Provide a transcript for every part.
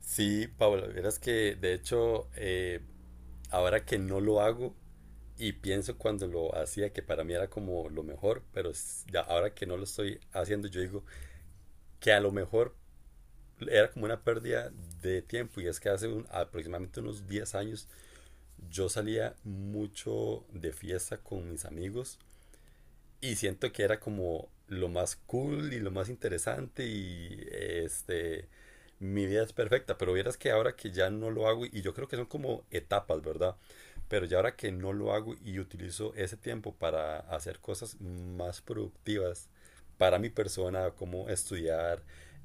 Sí, Paula, verás que de hecho ahora que no lo hago y pienso cuando lo hacía que para mí era como lo mejor, pero ya ahora que no lo estoy haciendo yo digo que a lo mejor era como una pérdida de tiempo y es que hace aproximadamente unos 10 años yo salía mucho de fiesta con mis amigos. Y siento que era como lo más cool y lo más interesante y este, mi vida es perfecta, pero vieras que ahora que ya no lo hago, y yo creo que son como etapas, ¿verdad? Pero ya ahora que no lo hago y utilizo ese tiempo para hacer cosas más productivas para mi persona, como estudiar,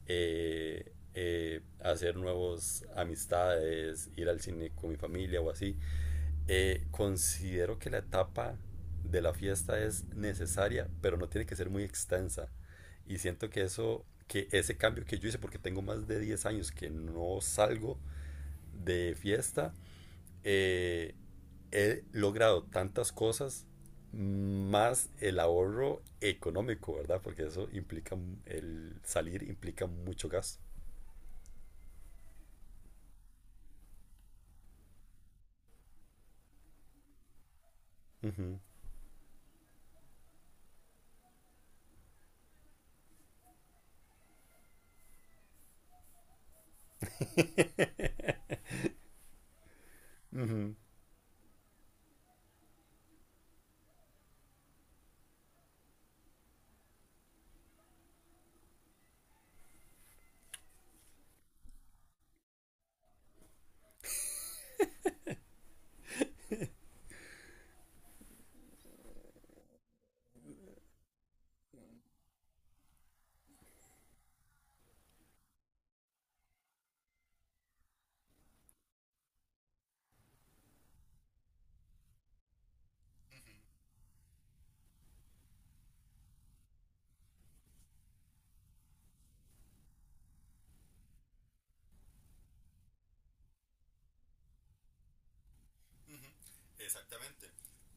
hacer nuevas amistades, ir al cine con mi familia o así, considero que la etapa de la fiesta es necesaria, pero no tiene que ser muy extensa. Y siento que eso, que ese cambio que yo hice, porque tengo más de 10 años que no salgo de fiesta, eh, he logrado tantas cosas más el ahorro económico, ¿verdad? Porque eso implica, el salir implica mucho gasto. Uh -huh.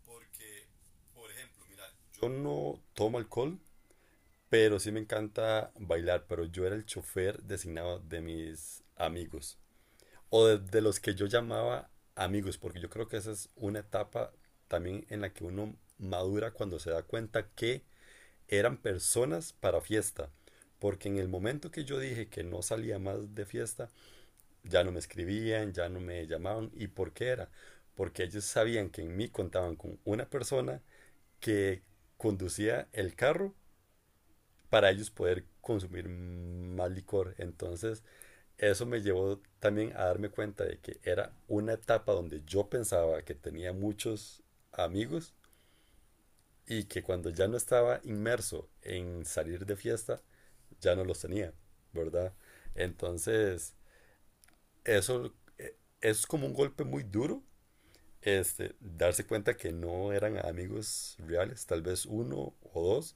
Porque, por ejemplo, mira, yo no tomo alcohol, pero sí me encanta bailar, pero yo era el chofer designado de mis amigos o de los que yo llamaba amigos, porque yo creo que esa es una etapa también en la que uno madura cuando se da cuenta que eran personas para fiesta. Porque en el momento que yo dije que no salía más de fiesta, ya no me escribían, ya no me llamaban. ¿Y por qué era? Porque ellos sabían que en mí contaban con una persona que conducía el carro para ellos poder consumir más licor. Entonces, eso me llevó también a darme cuenta de que era una etapa donde yo pensaba que tenía muchos amigos y que cuando ya no estaba inmerso en salir de fiesta, ya no los tenía, ¿verdad? Entonces, eso es como un golpe muy duro, este, darse cuenta que no eran amigos reales, tal vez uno o dos,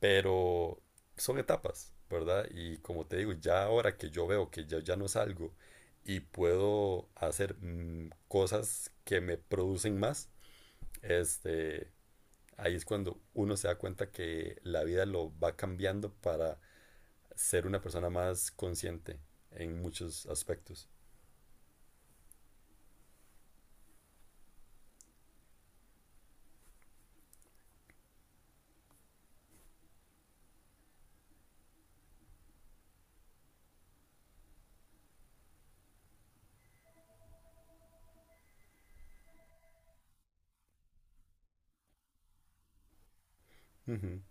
pero son etapas, ¿verdad? Y como te digo, ya ahora que yo veo que ya, ya no salgo y puedo hacer cosas que me producen más, este, ahí es cuando uno se da cuenta que la vida lo va cambiando para ser una persona más consciente en muchos aspectos. Ujú,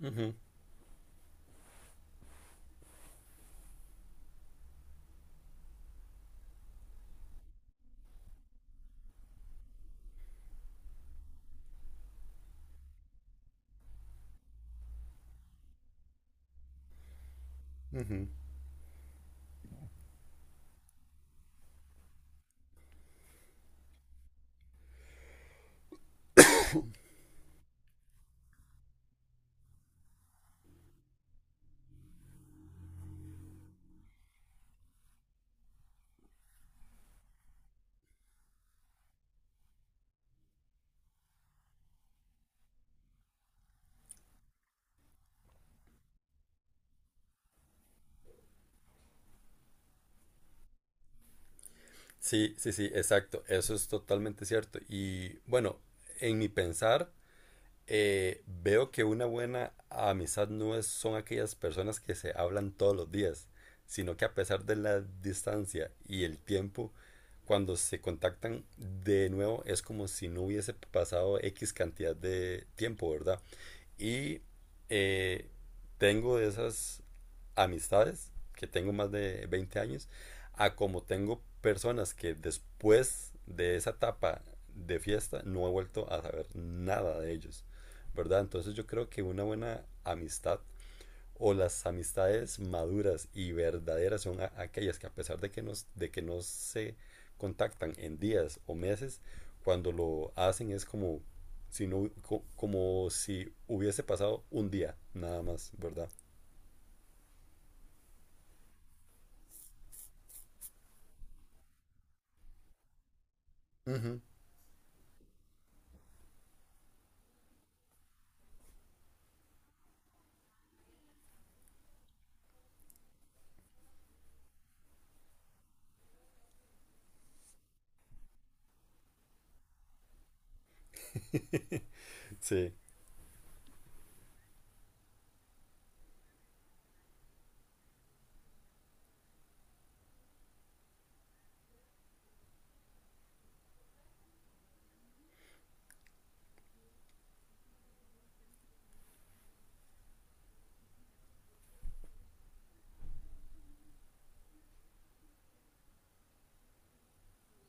ujú, ujú. Sí, sí, sí, exacto. Eso es totalmente cierto. Y bueno, en mi pensar, veo que una buena amistad no es, son aquellas personas que se hablan todos los días, sino que a pesar de la distancia y el tiempo, cuando se contactan de nuevo es como si no hubiese pasado X cantidad de tiempo, ¿verdad? Y eh, tengo de esas amistades, que tengo más de 20 años, a como tengo personas que después de esa etapa de fiesta no he vuelto a saber nada de ellos, ¿verdad? Entonces yo creo que una buena amistad o las amistades maduras y verdaderas son aquellas que a pesar de que, de que no se contactan en días o meses, cuando lo hacen es como si, como si hubiese pasado un día nada más, ¿verdad? Ujú. Sí,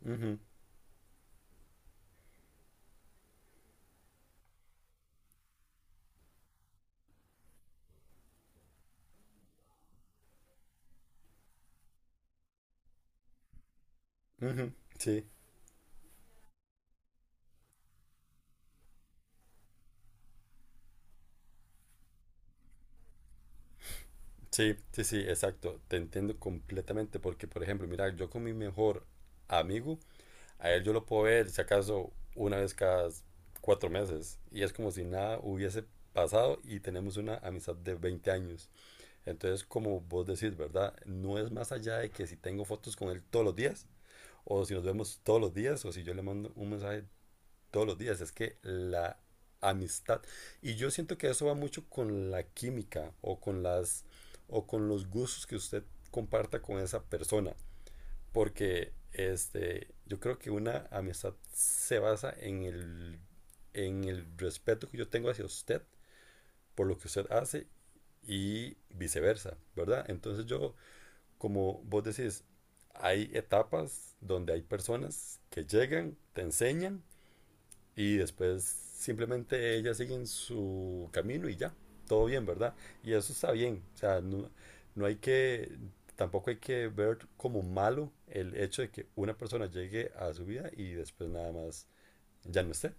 ujú, ujú, sí, sí, sí, sí, exacto. Te entiendo completamente porque, por ejemplo, mira, yo con mi mejor amigo, a él yo lo puedo ver, si acaso, una vez cada 4 meses. Y es como si nada hubiese pasado y tenemos una amistad de 20 años. Entonces, como vos decís, ¿verdad? No es más allá de que si tengo fotos con él todos los días, o si nos vemos todos los días, o si yo le mando un mensaje todos los días. Es que la amistad. Y yo siento que eso va mucho con la química o con las o con los gustos que usted comparta con esa persona. Porque este, yo creo que una amistad se basa en en el respeto que yo tengo hacia usted por lo que usted hace y viceversa, ¿verdad? Entonces yo, como vos decís, hay etapas donde hay personas que llegan, te enseñan y después simplemente ellas siguen su camino y ya, todo bien, ¿verdad? Y eso está bien, o sea, no, no hay que, tampoco hay que ver como malo el hecho de que una persona llegue a su vida y después nada más ya no esté.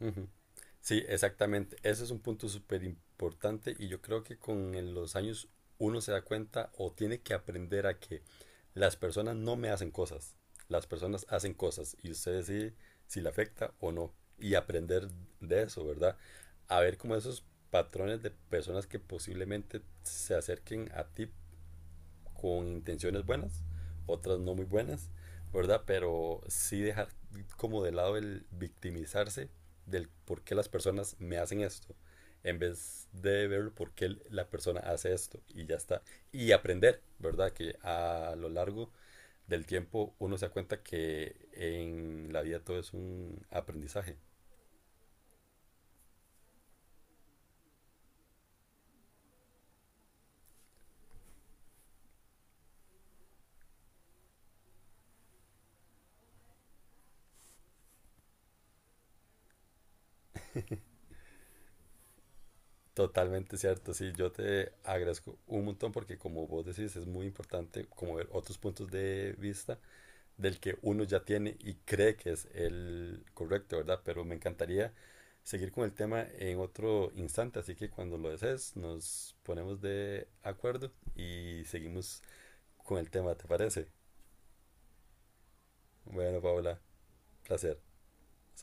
Ujú. Sí, exactamente. Ese es un punto súper importante y yo creo que con los años uno se da cuenta o tiene que aprender a que las personas no me hacen cosas, las personas hacen cosas y usted decide si le afecta o no y aprender de eso, ¿verdad? A ver como esos patrones de personas que posiblemente se acerquen a ti con intenciones buenas, otras no muy buenas, ¿verdad? Pero sí dejar como de lado el victimizarse del por qué las personas me hacen esto, en vez de ver por qué la persona hace esto y ya está. Y aprender, ¿verdad? Que a lo largo del tiempo uno se da cuenta que en la vida todo es un aprendizaje. Totalmente cierto, sí, yo te agradezco un montón porque como vos decís es muy importante como ver otros puntos de vista del que uno ya tiene y cree que es el correcto, ¿verdad? Pero me encantaría seguir con el tema en otro instante, así que cuando lo desees nos ponemos de acuerdo y seguimos con el tema, ¿te parece? Bueno, Paola, placer.